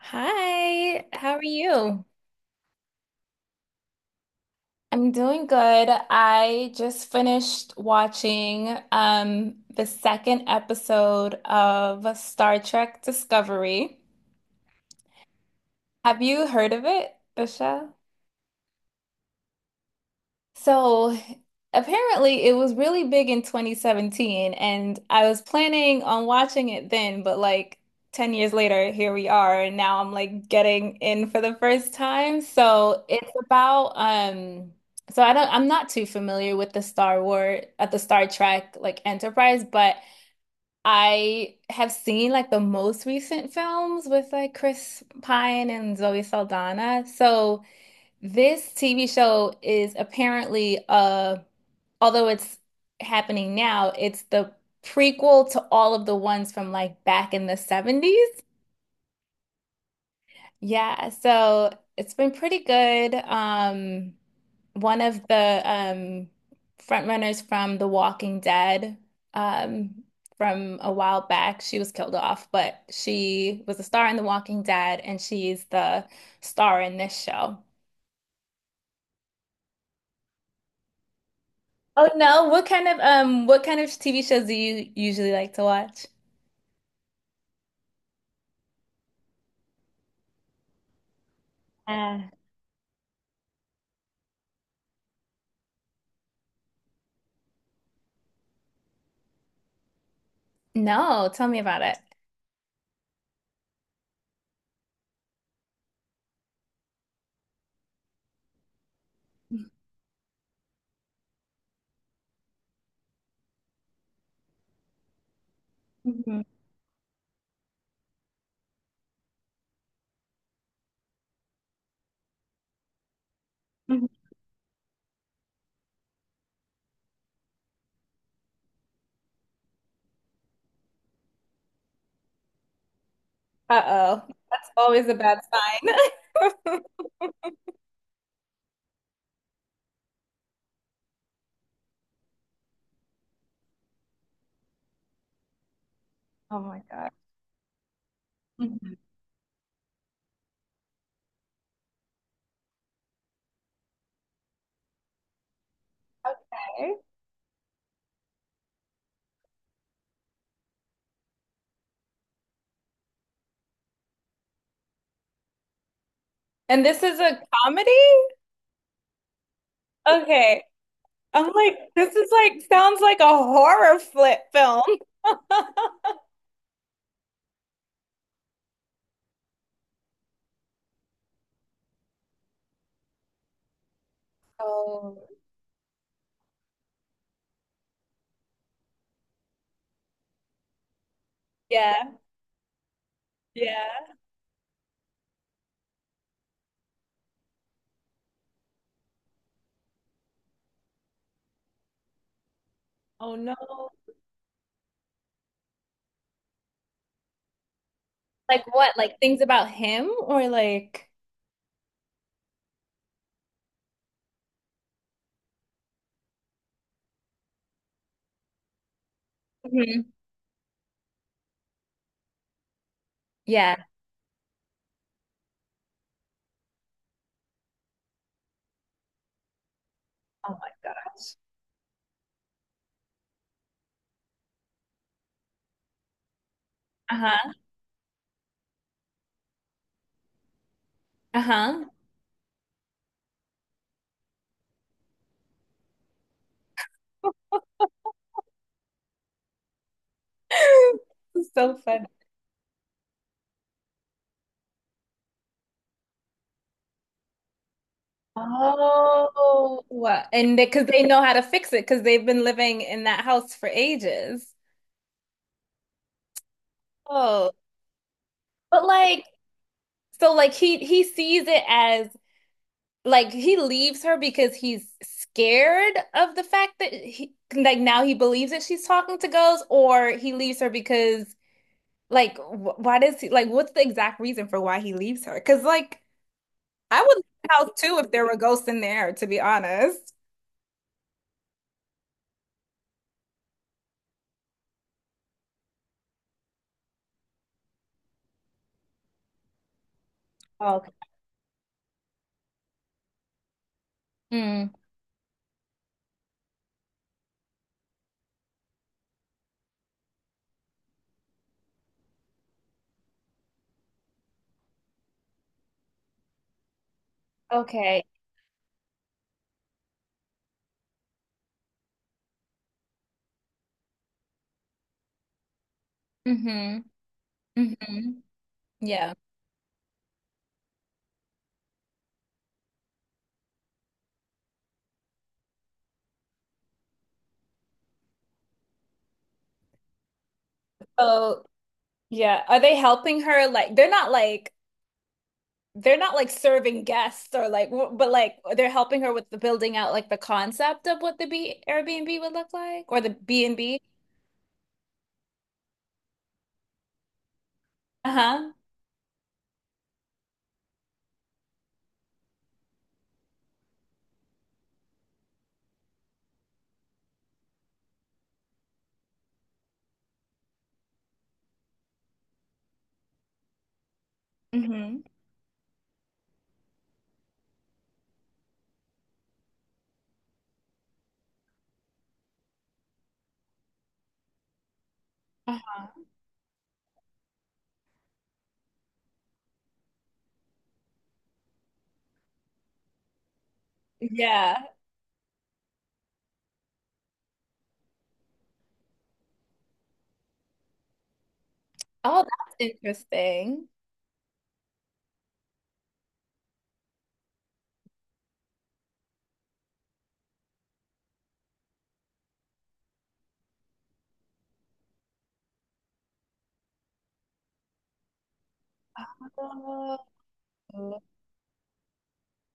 Hi, how are you? I'm doing good. I just finished watching the second episode of Star Trek Discovery. Have you heard of it, the show? So apparently it was really big in 2017 and I was planning on watching it then, but like 10 years later, here we are, and now I'm like getting in for the first time. So it's about so I'm not too familiar with the Star Wars at the Star Trek like Enterprise, but I have seen like the most recent films with like Chris Pine and Zoe Saldana. So this TV show is apparently, although it's happening now, it's the prequel to all of the ones from like back in the seventies. Yeah, so it's been pretty good. One of the front runners from The Walking Dead, um, from a while back, she was killed off, but she was a star in The Walking Dead, and she's the star in this show. Oh no, what kind of TV shows do you usually like to watch? Uh, No, tell me about it. Mhm. Mhm. Uh-oh. That's always a bad sign. Oh my God. Mhm. Okay. And this is a comedy? Okay. I'm like, this is like sounds like a horror flip film. Oh, yeah, yeah. Oh no. Like what? Like things about him or like. Mhm. Yeah. Oh my gosh. Uh-huh. So funny. Oh, and because they 'cause they know how to fix it because they've been living in that house for ages. Oh, but like, so like he sees it as like he leaves her because he's scared of the fact that he like now he believes that she's talking to ghosts, or he leaves her because like wh why does he like what's the exact reason for why he leaves her? Because like I would leave the house too if there were ghosts in there, to be honest. Mm. Okay. Mm-hmm. Mm-hmm. Yeah. Oh, yeah. Are they helping her? Like, they're not like serving guests or like, but like they're helping her with the building out like the concept of what the B Airbnb would look like or the B and B. Uh-huh. Mm-hmm. Uh-huh. Yeah. Oh, that's interesting. Oh,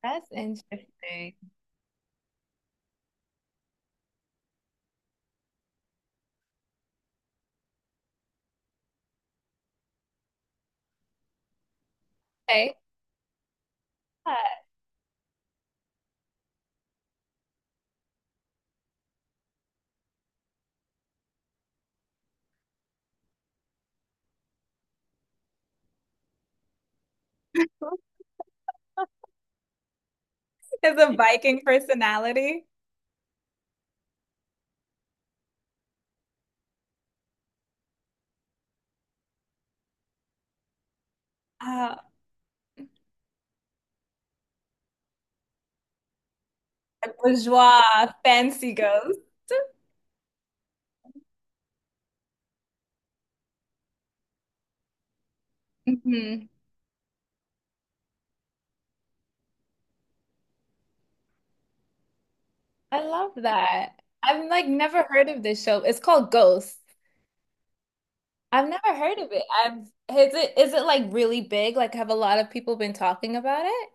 that's interesting. Okay. Is a Viking personality. Uh, a bourgeois fancy ghost. Mhm. I love that. I've like never heard of this show. It's called Ghost. I've never heard of it. I've Is it like really big? Like have a lot of people been talking about it?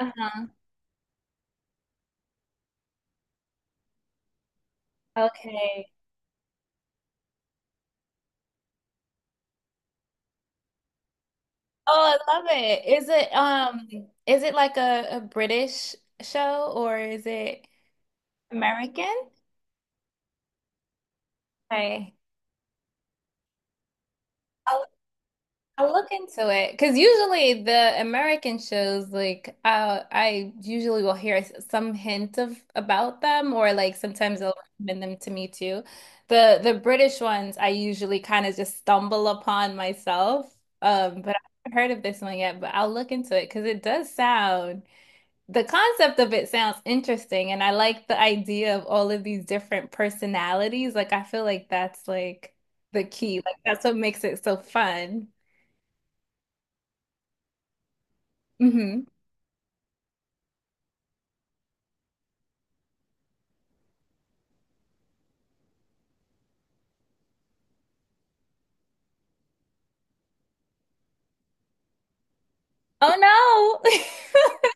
Uh-huh. Okay. Oh, I love it. Is it is it like a British show or is it American? Okay. I I'll look into it because usually the American shows, like I usually will hear some hint of about them, or like sometimes they'll recommend them to me too. The British ones I usually kind of just stumble upon myself, but I haven't heard of this one yet. But I'll look into it because it does sound the concept of it sounds interesting, and I like the idea of all of these different personalities. Like I feel like that's like the key. Like that's what makes it so fun. Mhm. Oh no.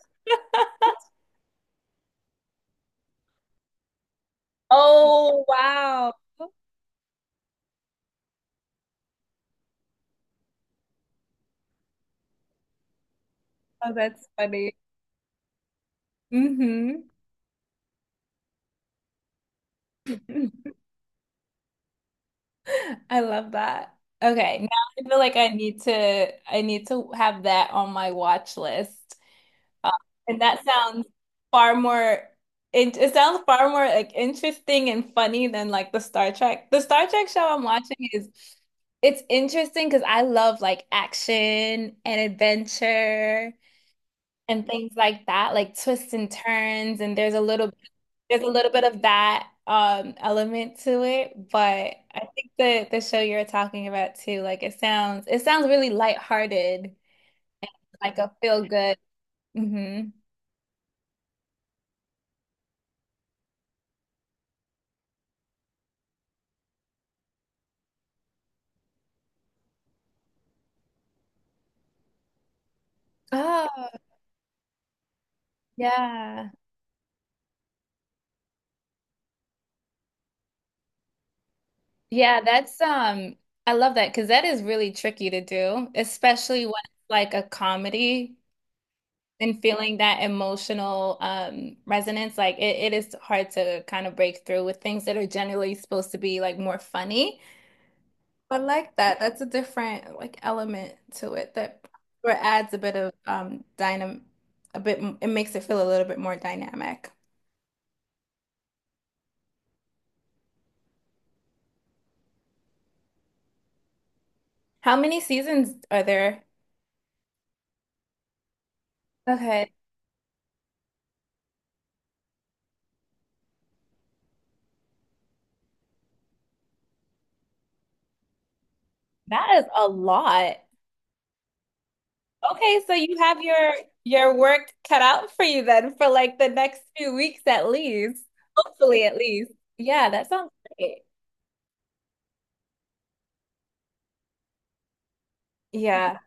Oh wow. Oh, that's funny. Mm-hmm. I love that. Okay, now I feel like I need to have that on my watch list. Uh, and that sounds far more it sounds far more like interesting and funny than like the Star Trek. The Star Trek show I'm watching is it's interesting because I love like action and adventure, and things like that, like twists and turns, and there's a little bit of that element to it. But I think the show you're talking about too, like it sounds really lighthearted, like a feel good. Mm-hmm. Oh, yeah. Yeah, that's I love that because that is really tricky to do, especially when it's like a comedy, and feeling that emotional resonance like it is hard to kind of break through with things that are generally supposed to be like more funny but like that that's a different like element to it that or adds a bit of dynam a bit it makes it feel a little bit more dynamic. How many seasons are there? Okay, that is a lot. Okay, so you have your work cut out for you then for like the next few weeks at least. Hopefully at least. Yeah, that sounds great. Yeah.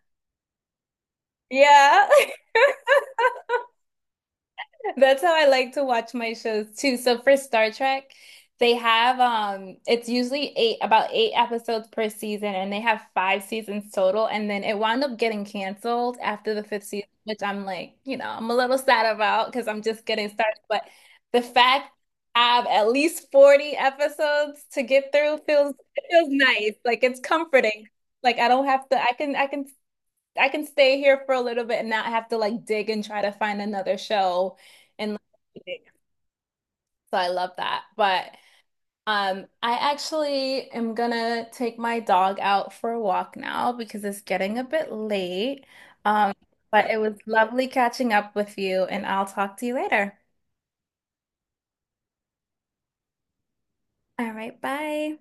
Yeah. That's how I like to watch my shows too. So for Star Trek, they have it's usually eight about 8 episodes per season and they have 5 seasons total and then it wound up getting canceled after the fifth season, which I'm like, you know, I'm a little sad about because I'm just getting started. But the fact I have at least 40 episodes to get through feels it feels nice. Like it's comforting. Like I don't have to I can I can stay here for a little bit and not have to like dig and try to find another show and like, so I love that. But I actually am gonna take my dog out for a walk now because it's getting a bit late. Um but it was lovely catching up with you and I'll talk to you later. All right, bye.